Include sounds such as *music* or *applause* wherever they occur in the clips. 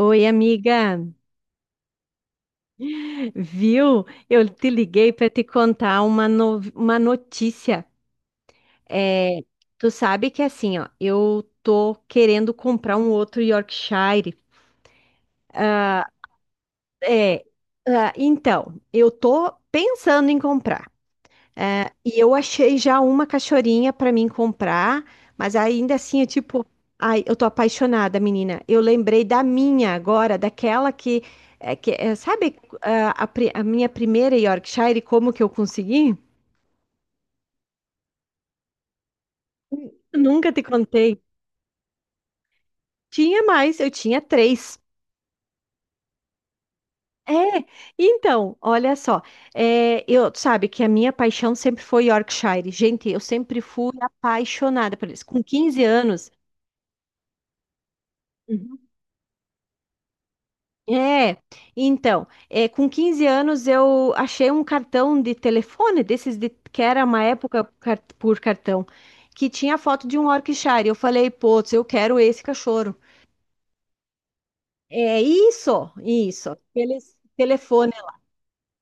Oi, amiga. Viu? Eu te liguei para te contar uma, uma notícia. É, tu sabe que assim, ó, eu tô querendo comprar um outro Yorkshire. É, então, eu tô pensando em comprar. É, e eu achei já uma cachorrinha para mim comprar, mas ainda assim eu tipo, ai, eu tô apaixonada, menina. Eu lembrei da minha agora, daquela que, é, que é, sabe a minha primeira Yorkshire, como que eu consegui? Nunca te contei. Tinha mais, eu tinha três. É, então, olha só, eu sabe que a minha paixão sempre foi Yorkshire. Gente, eu sempre fui apaixonada por eles. Com 15 anos. Uhum. É, então, com 15 anos eu achei um cartão de telefone, desses de, que era uma época por cartão, que tinha foto de um Yorkshire. Eu falei, putz, eu quero esse cachorro. É isso, isso, aquele telefone.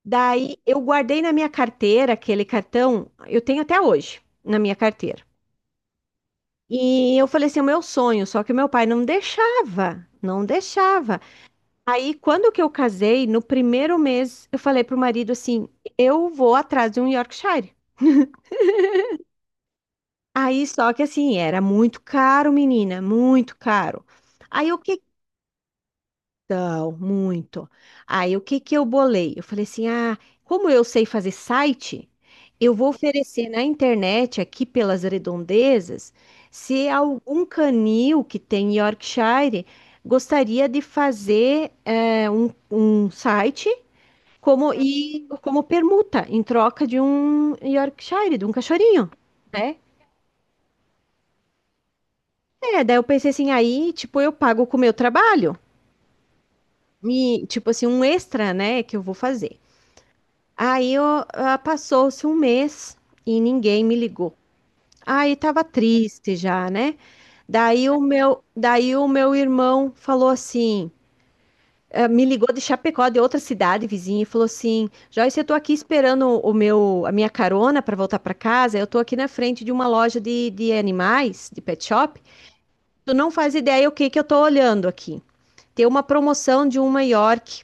Daí eu guardei na minha carteira aquele cartão, eu tenho até hoje na minha carteira. E eu falei assim, "É o meu sonho, só que meu pai não deixava, não deixava. Aí, quando que eu casei, no primeiro mês, eu falei pro marido assim: eu vou atrás de um Yorkshire. *laughs* Aí, só que assim, era muito caro, menina, muito caro. Aí, o que. Então, muito. Aí, o que que eu bolei? Eu falei assim: como eu sei fazer site, eu vou oferecer na internet, aqui pelas redondezas, se algum canil que tem Yorkshire gostaria de fazer um site. Como permuta em troca de um Yorkshire, de um cachorrinho, né? É, daí eu pensei assim, aí, tipo, eu pago com o meu trabalho, e, tipo assim, um extra, né, que eu vou fazer. Aí, passou-se um mês e ninguém me ligou. Aí tava triste já, né? Daí o meu irmão falou assim: me ligou de Chapecó, de outra cidade vizinha, e falou assim: Joyce, eu tô aqui esperando o meu, a minha carona para voltar para casa. Eu tô aqui na frente de uma loja de animais, de pet shop. Tu não faz ideia o que que eu tô olhando aqui. Tem uma promoção de uma York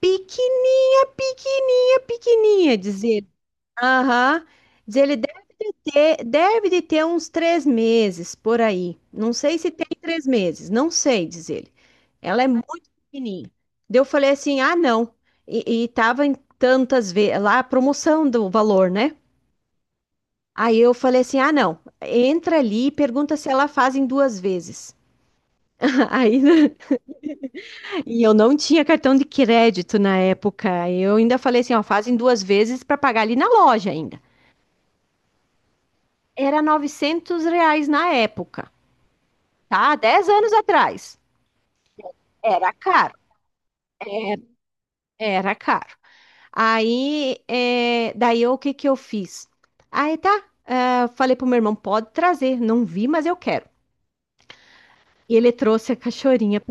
pequena, pequenininha, pequenininha, dizer. Aham. Diz ele deve de ter uns 3 meses por aí. Não sei se tem 3 meses, não sei, diz ele. Ela é muito pequenininha. Daí eu falei assim, ah, não. E tava em tantas vezes, lá a promoção do valor, né? Aí eu falei assim, ah, não. Entra ali e pergunta se ela faz em duas vezes. *laughs* Aí, né? E eu não tinha cartão de crédito na época. Eu ainda falei assim, ó, faz em duas vezes para pagar ali na loja ainda. Era R$ 900 na época, tá? 10 anos atrás. Era caro, era, era caro. Aí, daí o que que eu fiz? Aí tá, falei pro meu irmão, pode trazer, não vi, mas eu quero. E ele trouxe a cachorrinha,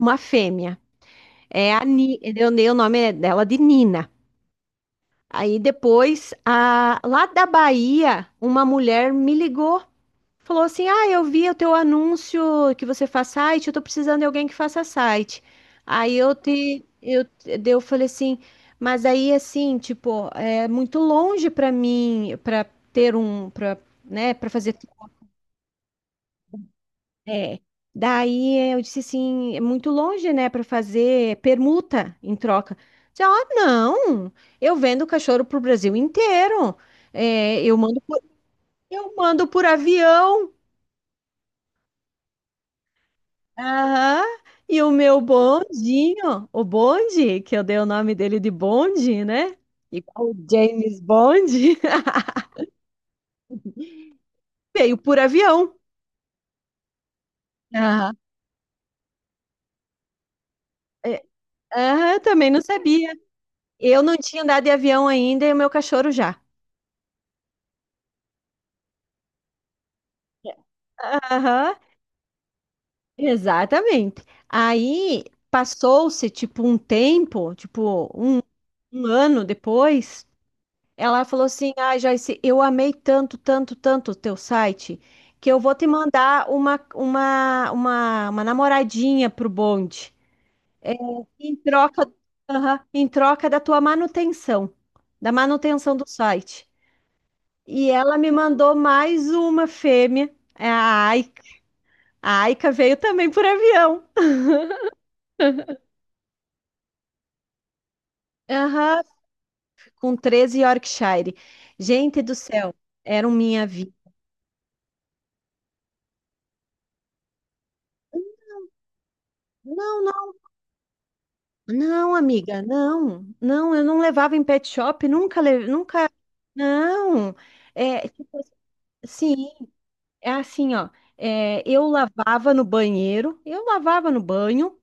uma fêmea. Eu dei o nome dela de Nina. Aí depois, lá da Bahia, uma mulher me ligou. Falou assim: Ah, eu vi o teu anúncio que você faz site, eu tô precisando de alguém que faça site. Aí eu te, eu, daí eu falei assim, mas aí assim, tipo, é muito longe pra mim, pra ter um, pra, né, para fazer. É. Daí eu disse assim, é muito longe, né, pra fazer permuta em troca. Disse, ah, não, eu vendo cachorro pro Brasil inteiro. É, eu mando por avião. Aham. E o meu bondinho, o Bonde, que eu dei o nome dele de Bonde, né? Igual o James Bond, *laughs* veio por avião. Aham. É, Aham, eu também não sabia. Eu não tinha andado de avião ainda e o meu cachorro já. Aham, exatamente. Aí passou-se tipo um tempo, tipo um ano depois. Ela falou assim: Ah, Joyce, eu amei tanto, tanto, tanto o teu site, que eu vou te mandar uma namoradinha pro bonde, em troca. Aham, em troca da tua manutenção, da manutenção do site. E ela me mandou mais uma fêmea, é a Aika. A Aika veio também por avião. Aham, com 13 Yorkshire. Gente do céu, eram minha vida. Não. Não, amiga, não, não, eu não levava em pet shop, nunca, nunca, não, é, tipo, assim, sim, é assim, ó, eu lavava no banheiro, eu lavava no banho,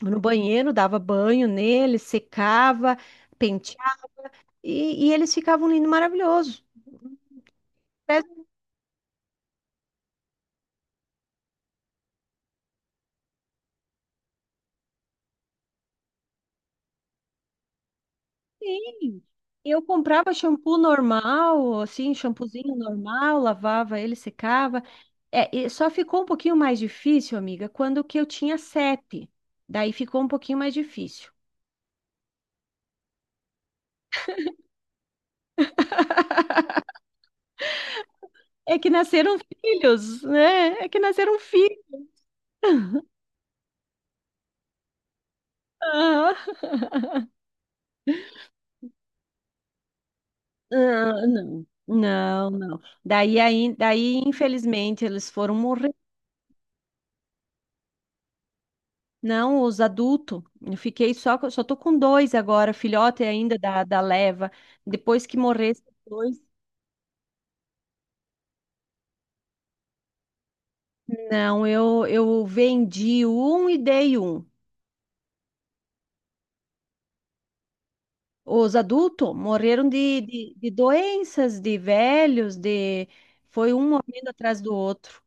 no banheiro, dava banho nele, secava, penteava, e eles ficavam lindos, maravilhosos. Sim. Eu comprava shampoo normal, assim, shampoozinho normal, lavava ele, secava. É, e só ficou um pouquinho mais difícil, amiga, quando que eu tinha sete. Daí ficou um pouquinho mais difícil. É que nasceram filhos, né? É que nasceram filhos. Ah, ah, não. Não, não. Daí, infelizmente, eles foram morrer. Não, os adultos. Eu fiquei só, só tô com dois agora, filhote ainda da leva. Depois que morresse, dois. Não, eu vendi um e dei um. Os adultos morreram de doenças, de velhos, de... Foi um morrendo atrás do outro.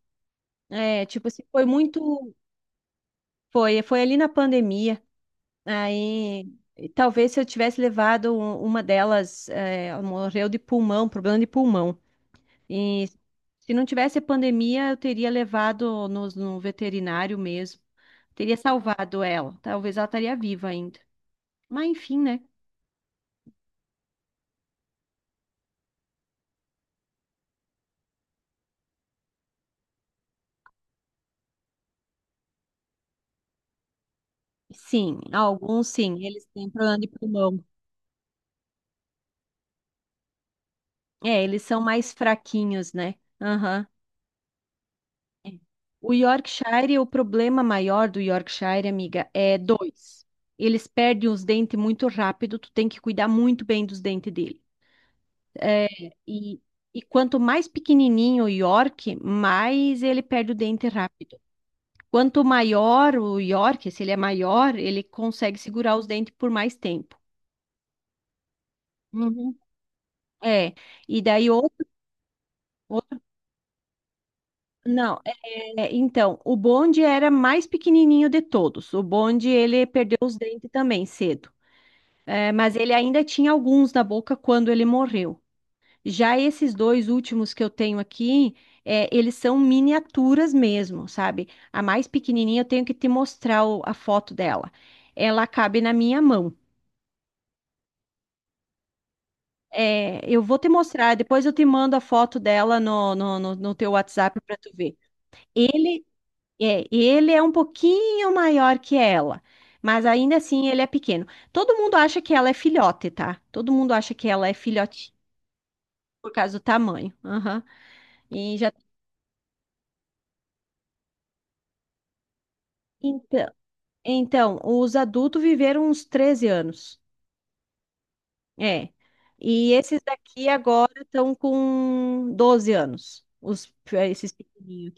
É, tipo assim, foi muito... Foi ali na pandemia. Aí, e talvez se eu tivesse levado uma delas, ela morreu de pulmão, problema de pulmão. E se não tivesse a pandemia, eu teria levado no veterinário mesmo. Teria salvado ela. Talvez ela estaria viva ainda. Mas enfim, né? Sim, alguns sim, eles têm problema de pulmão. É, eles são mais fraquinhos, né? Aham. O Yorkshire, o problema maior do Yorkshire, amiga, é dois. Eles perdem os dentes muito rápido, tu tem que cuidar muito bem dos dentes dele. E, e quanto mais pequenininho o York, mais ele perde o dente rápido. Quanto maior o York, se ele é maior, ele consegue segurar os dentes por mais tempo. Uhum. É, e daí outro- não, então, o bonde era mais pequenininho de todos. O bonde, ele perdeu os dentes também cedo. É, mas ele ainda tinha alguns na boca quando ele morreu. Já esses dois últimos que eu tenho aqui, eles são miniaturas mesmo, sabe? A mais pequenininha eu tenho que te mostrar a foto dela. Ela cabe na minha mão. É, eu vou te mostrar, depois eu te mando a foto dela no teu WhatsApp para tu ver. Ele e ele é um pouquinho maior que ela, mas ainda assim ele é pequeno. Todo mundo acha que ela é filhote, tá? Todo mundo acha que ela é filhote por causa do tamanho. Aham. E já então, então, os adultos viveram uns 13 anos. É. E esses daqui agora estão com 12 anos, os esses pequenininhos.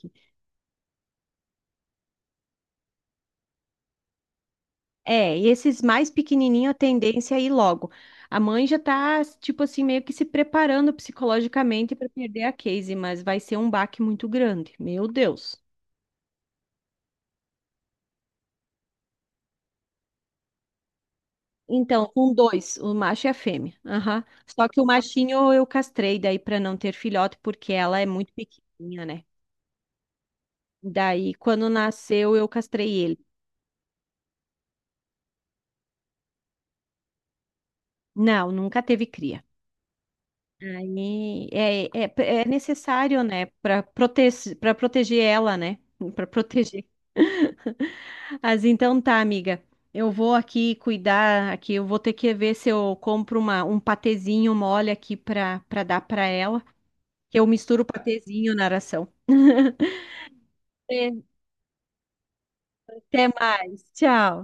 É, e esses mais pequenininhos, a tendência é ir logo. A mãe já tá, tipo assim, meio que se preparando psicologicamente para perder a Casey, mas vai ser um baque muito grande. Meu Deus. Então, com dois, o macho e a fêmea. Aham. Só que o machinho eu castrei daí para não ter filhote, porque ela é muito pequenininha, né? Daí, quando nasceu, eu castrei ele. Não, nunca teve cria. Aí é necessário, né, para prote para proteger ela, né? Para proteger. *laughs* Mas então tá, amiga. Eu vou aqui cuidar aqui, eu vou ter que ver se eu compro uma, um patezinho mole aqui para dar para ela, que eu misturo o patezinho na ração. É. Até mais. Tchau.